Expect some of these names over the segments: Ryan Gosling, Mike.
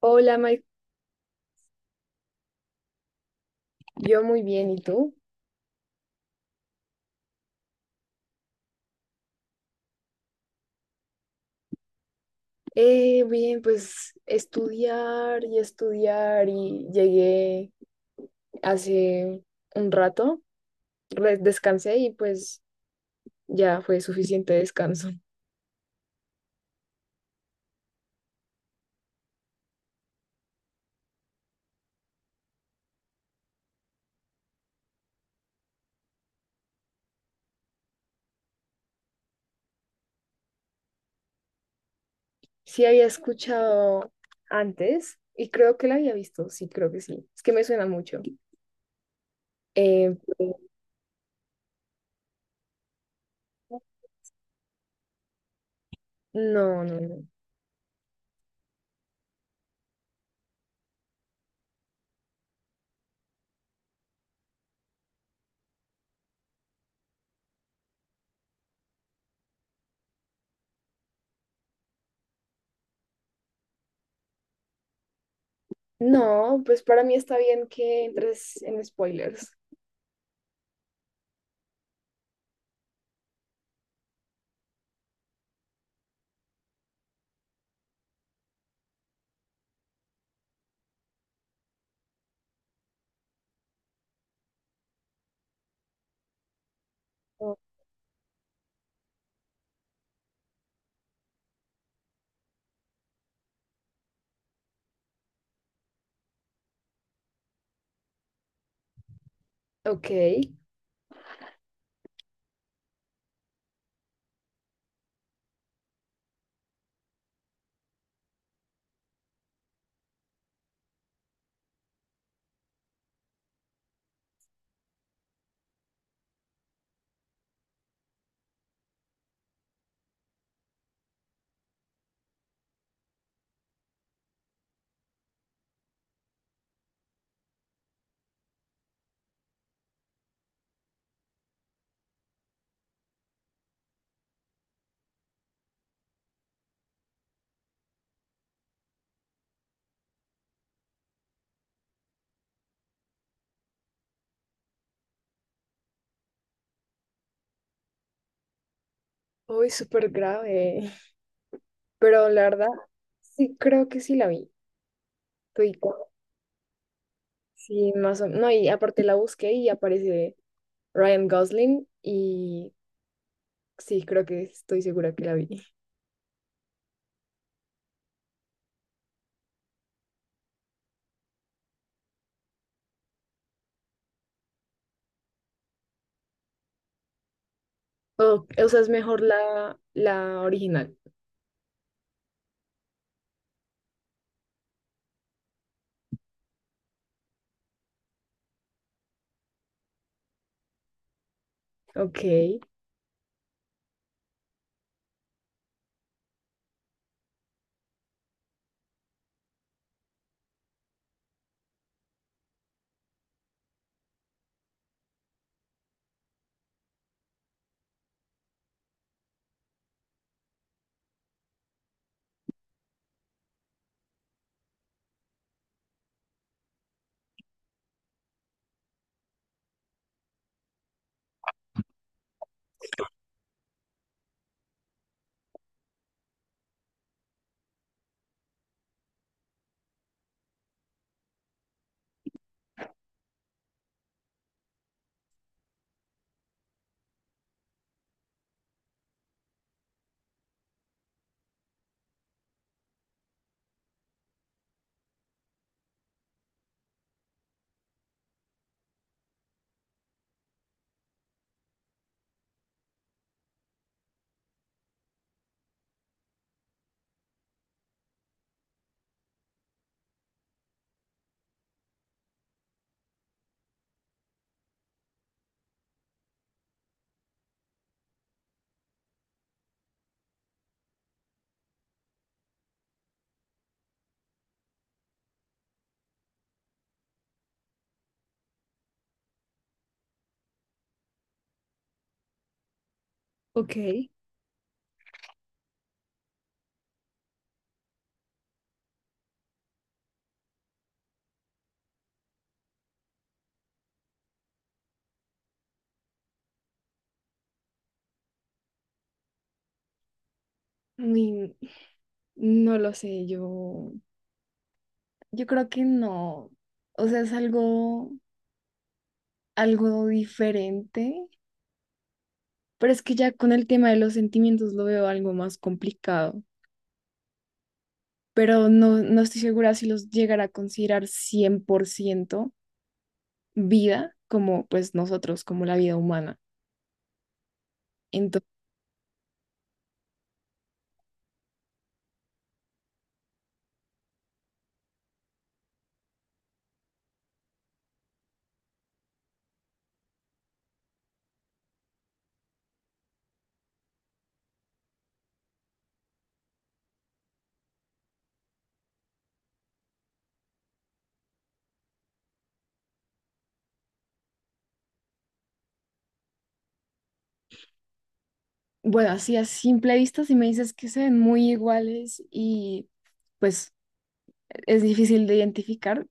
Hola, Mike. Yo muy bien, ¿y tú? Bien, pues estudiar y estudiar y llegué hace un rato, descansé y pues ya fue suficiente descanso. Sí, había escuchado antes y creo que la había visto, sí, creo que sí. Es que me suena mucho. Eh, no, no, no. No, pues para mí está bien que entres en spoilers. Ok. Uy, súper grave. Pero la verdad, sí, creo que sí la vi, todita. Sí, más o menos. No, y aparte la busqué y aparece Ryan Gosling y sí, creo que estoy segura que la vi. O sea, es mejor la original. Ok, ok. Ni- no lo sé, yo creo que no. O sea, es algo, algo diferente, pero es que ya con el tema de los sentimientos lo veo algo más complicado. Pero no, no estoy segura si los llegará a considerar 100% vida, como pues nosotros, como la vida humana. Entonces, bueno, así a simple vista, si me dices que se ven muy iguales y pues es difícil de identificar,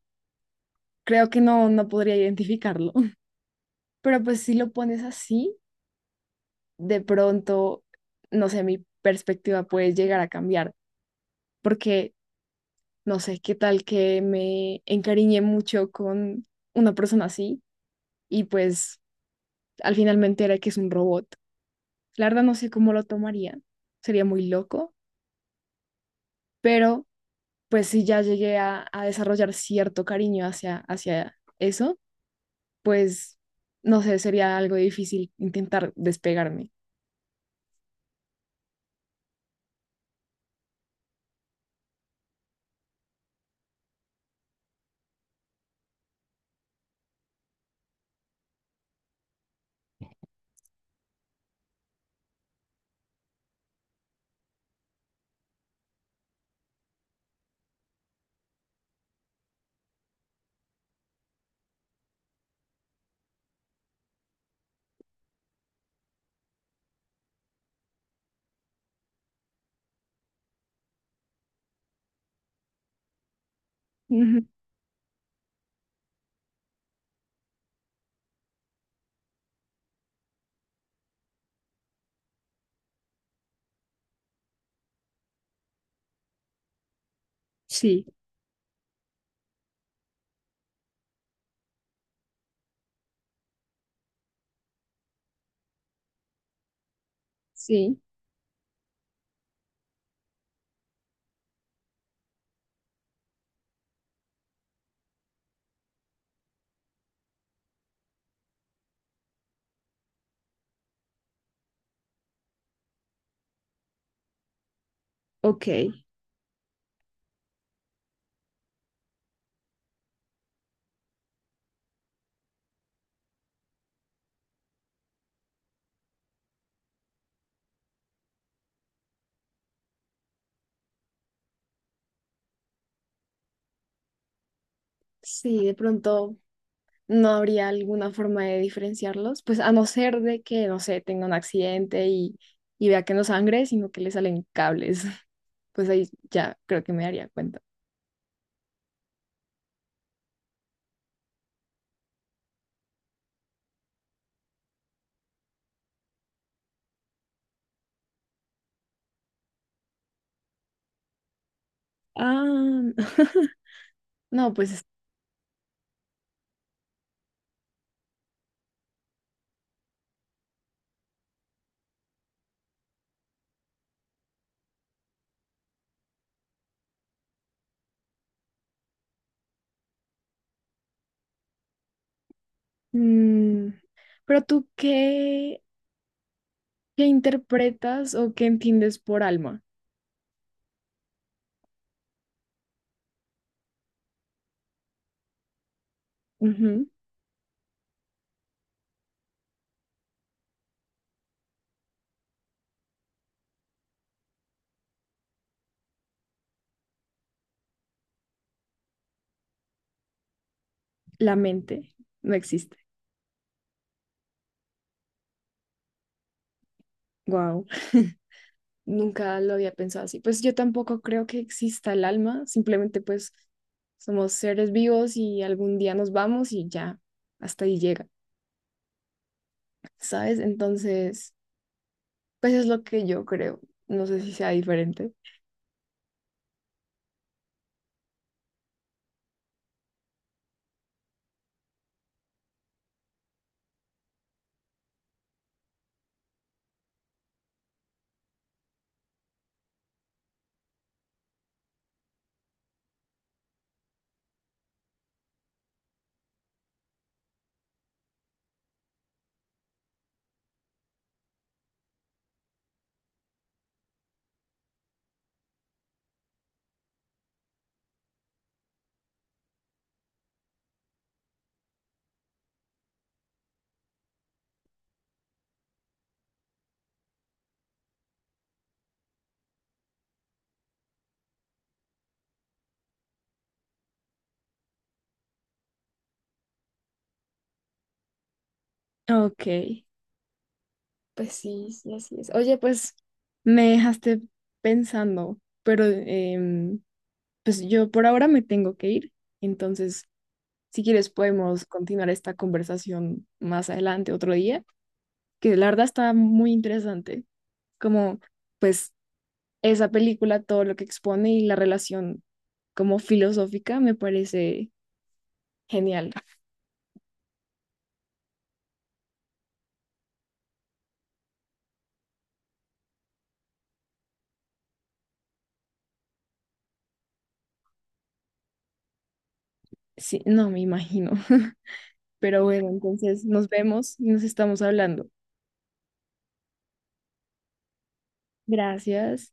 creo que no, no podría identificarlo. Pero pues si lo pones así, de pronto, no sé, mi perspectiva puede llegar a cambiar, porque no sé qué tal que me encariñé mucho con una persona así y pues al finalmente era que es un robot. La verdad no sé cómo lo tomaría, sería muy loco, pero pues si ya llegué a desarrollar cierto cariño hacia eso, pues no sé, sería algo difícil intentar despegarme. Ujú. Sí, sí, ok. Sí, de pronto no habría alguna forma de diferenciarlos, pues a no ser de que, no sé, tenga un accidente y vea que no sangre, sino que le salen cables. Pues ahí ya creo que me daría cuenta. Ah, no, pues, mm, pero tú qué, ¿qué interpretas o qué entiendes por alma? Ujú. La mente no existe. Wow. Nunca lo había pensado así. Pues yo tampoco creo que exista el alma, simplemente pues somos seres vivos y algún día nos vamos y ya, hasta ahí llega, ¿sabes? Entonces, pues es lo que yo creo. No sé si sea diferente. Ok, pues sí, sí, así es. Oye, pues me dejaste pensando, pero pues yo por ahora me tengo que ir. Entonces, si quieres podemos continuar esta conversación más adelante, otro día, que la verdad está muy interesante, como pues esa película, todo lo que expone, y la relación como filosófica me parece genial. Sí, no me imagino, pero bueno, entonces nos vemos y nos estamos hablando. Gracias.